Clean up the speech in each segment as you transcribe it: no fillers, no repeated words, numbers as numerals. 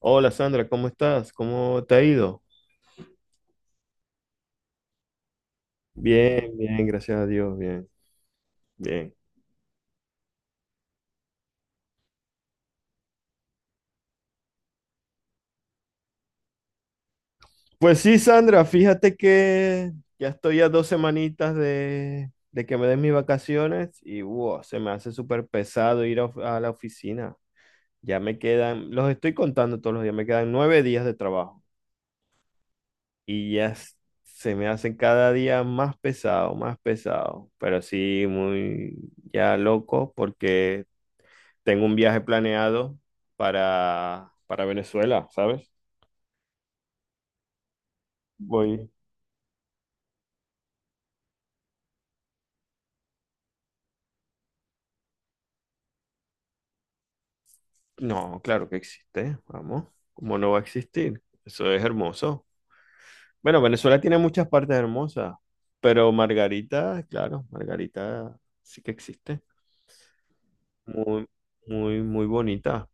Hola Sandra, ¿cómo estás? ¿Cómo te ha ido? Bien, bien, gracias a Dios, bien, bien. Pues sí, Sandra, fíjate que ya estoy a dos semanitas de que me den mis vacaciones y wow, se me hace súper pesado ir a, a la oficina. Ya me quedan, los estoy contando todos los días, me quedan nueve días de trabajo y se me hacen cada día más pesado, pero sí, muy ya loco porque tengo un viaje planeado para Venezuela, ¿sabes? Voy. No, claro que existe, vamos. ¿Cómo no va a existir? Eso es hermoso. Bueno, Venezuela tiene muchas partes hermosas, pero Margarita, claro, Margarita sí que existe. Muy, muy, muy bonita.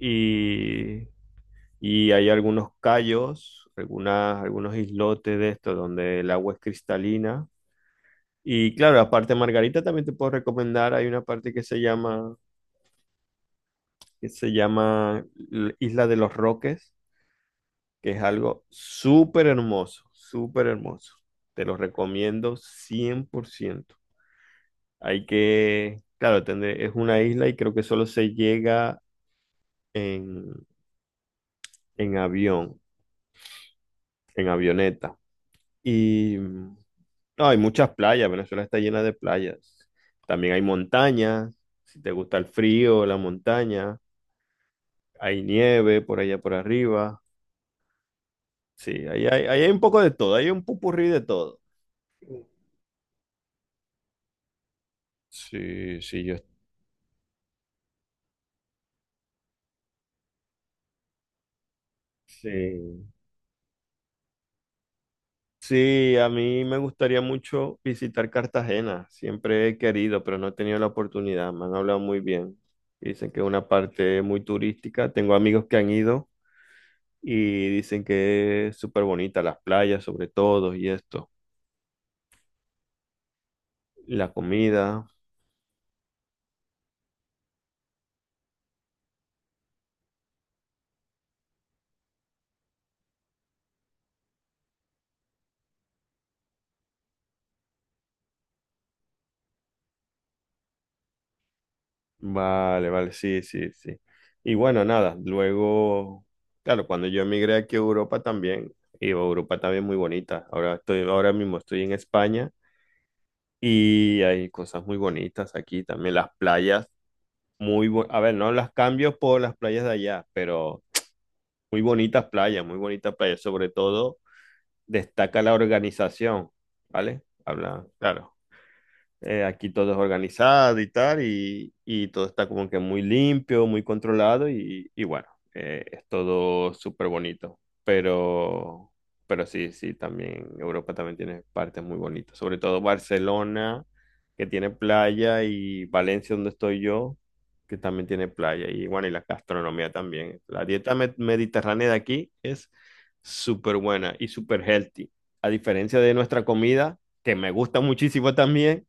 Y, y hay algunos cayos, algunas, algunos islotes de esto donde el agua es cristalina. Y claro, aparte de Margarita también te puedo recomendar, hay una parte que se llama que se llama Isla de los Roques, que es algo súper hermoso, súper hermoso. Te lo recomiendo 100%. Hay que, claro, es una isla y creo que solo se llega en, en avión, en avioneta. Y mm, no, hay muchas playas, Venezuela está llena de playas. También hay montañas, si te gusta el frío, la montaña, hay nieve por allá por arriba. Sí, ahí hay un poco de todo, hay un pupurrí de todo. Sí, sí, yo sí. Sí, a mí me gustaría mucho visitar Cartagena. Siempre he querido, pero no he tenido la oportunidad. Me han hablado muy bien. Dicen que es una parte muy turística. Tengo amigos que han ido y dicen que es súper bonita, las playas sobre todo y esto. La comida. Vale, vale, sí, sí, sí. Y bueno, nada, luego, claro, cuando yo emigré aquí a Europa también, y Europa también muy bonita. Ahora estoy, ahora mismo estoy en España. Y hay cosas muy bonitas aquí también. Las playas, a ver, no las cambio por las playas de allá, pero muy bonitas playas, muy bonitas playas. Sobre todo destaca la organización, ¿vale? Habla, claro, aquí todo es organizado y tal, y todo está como que muy limpio, muy controlado y bueno, es todo súper bonito. Pero sí, sí, también Europa también tiene partes muy bonitas, sobre todo Barcelona, que tiene playa, y Valencia, donde estoy yo, que también tiene playa, y bueno, y la gastronomía también. La dieta mediterránea de aquí es súper buena y súper healthy, a diferencia de nuestra comida, que me gusta muchísimo también,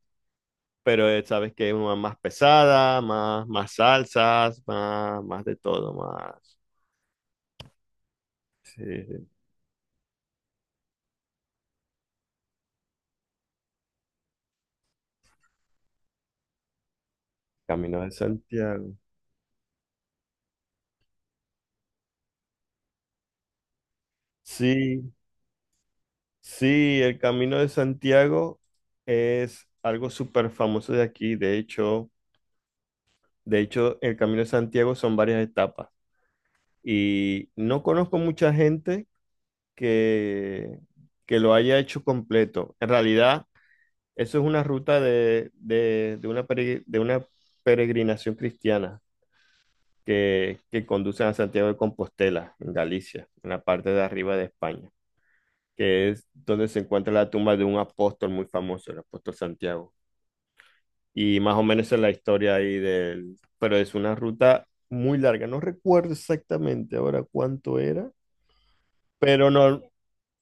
pero sabes que es una más pesada, más, más salsas, más, más de todo, más. Sí, sí. Camino de Santiago. Sí, sí, el Camino de Santiago es algo súper famoso de aquí. De hecho, el Camino de Santiago son varias etapas. Y no conozco mucha gente que, que lo haya hecho completo. En realidad, eso es una ruta de una, de una peregrinación cristiana. Que conducen a Santiago de Compostela, en Galicia, en la parte de arriba de España, que es donde se encuentra la tumba de un apóstol muy famoso, el apóstol Santiago. Y más o menos esa es la historia ahí del… Pero es una ruta muy larga, no recuerdo exactamente ahora cuánto era, pero no,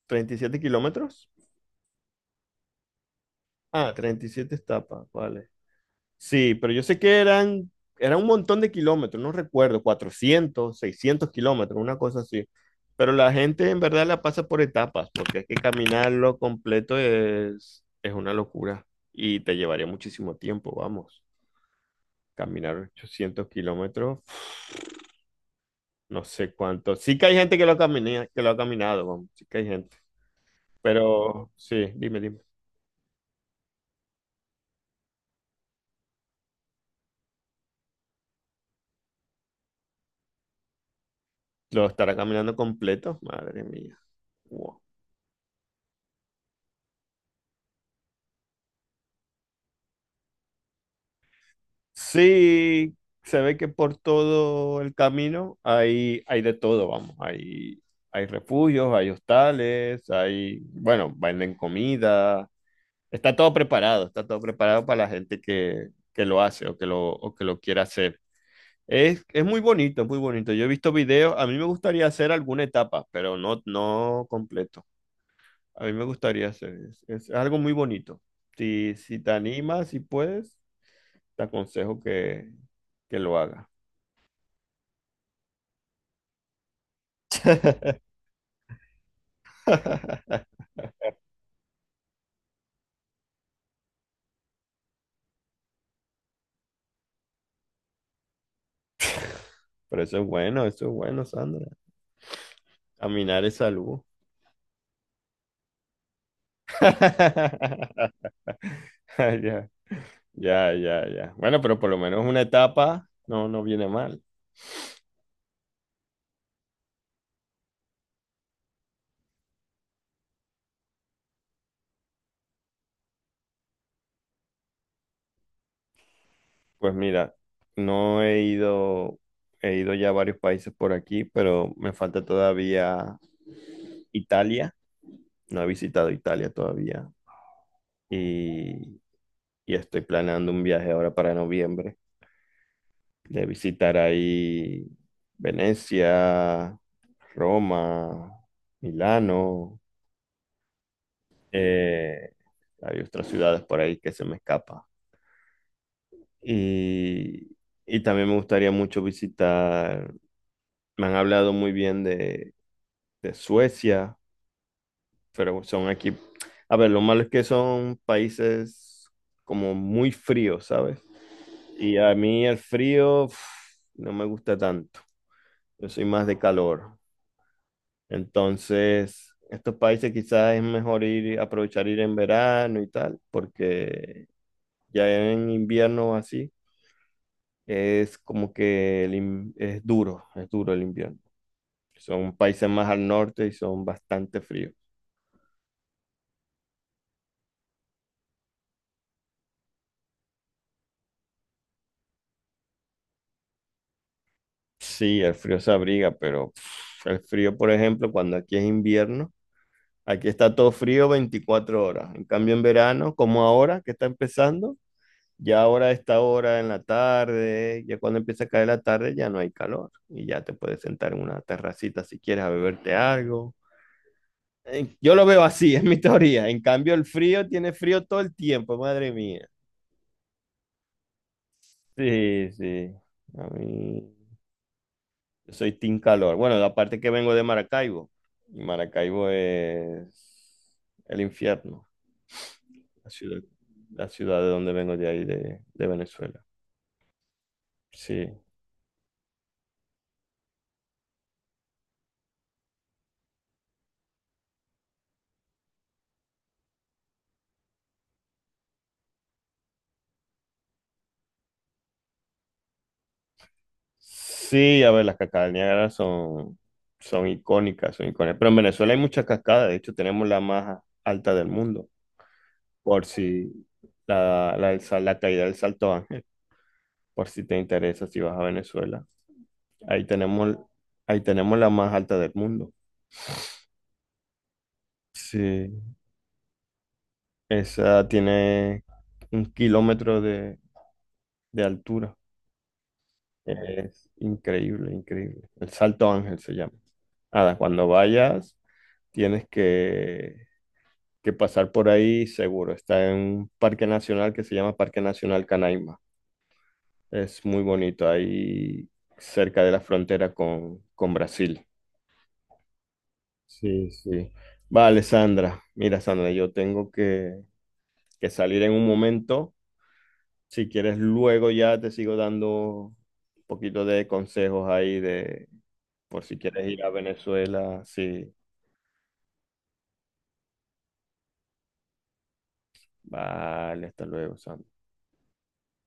37 kilómetros. Ah, 37 etapas, vale. Sí, pero yo sé que eran, era un montón de kilómetros, no recuerdo, 400, 600 kilómetros, una cosa así. Pero la gente en verdad la pasa por etapas, porque es que caminarlo completo es una locura y te llevaría muchísimo tiempo, vamos. Caminar 800 kilómetros, no sé cuánto. Sí que hay gente que lo camina, que lo ha caminado, vamos, sí que hay gente. Pero sí, dime, dime. ¿Lo estará caminando completo? Madre mía. Wow. Sí, se ve que por todo el camino hay, hay de todo, vamos. Hay refugios, hay hostales, hay, bueno, venden comida. Está todo preparado para la gente que lo hace o que lo quiera hacer. Es muy bonito, es muy bonito. Yo he visto videos, a mí me gustaría hacer alguna etapa, pero no, no completo. A mí me gustaría hacer, es algo muy bonito. Si, si te animas, si puedes, te aconsejo que lo hagas. Pero eso es bueno, Sandra. Caminar es salud. Ya, ya, ya, ya. Bueno, pero por lo menos una etapa no, no viene mal. Pues mira, no he ido, he ido ya a varios países por aquí, pero me falta todavía Italia. No he visitado Italia todavía. Y, y estoy planeando un viaje ahora para noviembre de visitar ahí Venecia, Roma, Milano, eh, hay otras ciudades por ahí que se me escapa. Y, y también me gustaría mucho visitar, me han hablado muy bien de Suecia, pero son aquí, a ver, lo malo es que son países como muy fríos, ¿sabes? Y a mí el frío, uf, no me gusta tanto, yo soy más de calor. Entonces, estos países quizás es mejor ir, aprovechar ir en verano y tal, porque ya en invierno así es como que es duro el invierno. Son países más al norte y son bastante fríos. Sí, el frío se abriga, pero pff, el frío, por ejemplo, cuando aquí es invierno, aquí está todo frío 24 horas. En cambio, en verano, como ahora que está empezando, ya ahora, a esta hora en la tarde, ya cuando empieza a caer la tarde, ya no hay calor y ya te puedes sentar en una terracita si quieres a beberte algo. Yo lo veo así, es mi teoría. En cambio, el frío tiene frío todo el tiempo, madre mía. Sí, sí. A mí, yo soy team calor. Bueno, aparte que vengo de Maracaibo. Y Maracaibo es el infierno, la ciudad, la ciudad de donde vengo de ahí, de Venezuela. Sí. Sí, a ver, las cascadas del Niágara son, son icónicas, son icónicas. Pero en Venezuela hay muchas cascadas, de hecho tenemos la más alta del mundo, por si del la caída del Salto Ángel, por si te interesa, si vas a Venezuela. Ahí tenemos, ahí tenemos la más alta del mundo. Sí, esa tiene un kilómetro de altura. Es increíble, increíble. El Salto Ángel se llama. Nada, cuando vayas, tienes que pasar por ahí seguro. Está en un parque nacional que se llama Parque Nacional Canaima. Es muy bonito, ahí cerca de la frontera con Brasil. Sí, sí. Vale, Sandra. Mira, Sandra, yo tengo que salir en un momento. Si quieres, luego ya te sigo dando un poquito de consejos ahí de por si quieres ir a Venezuela. Sí. Vale, hasta luego, Sandra.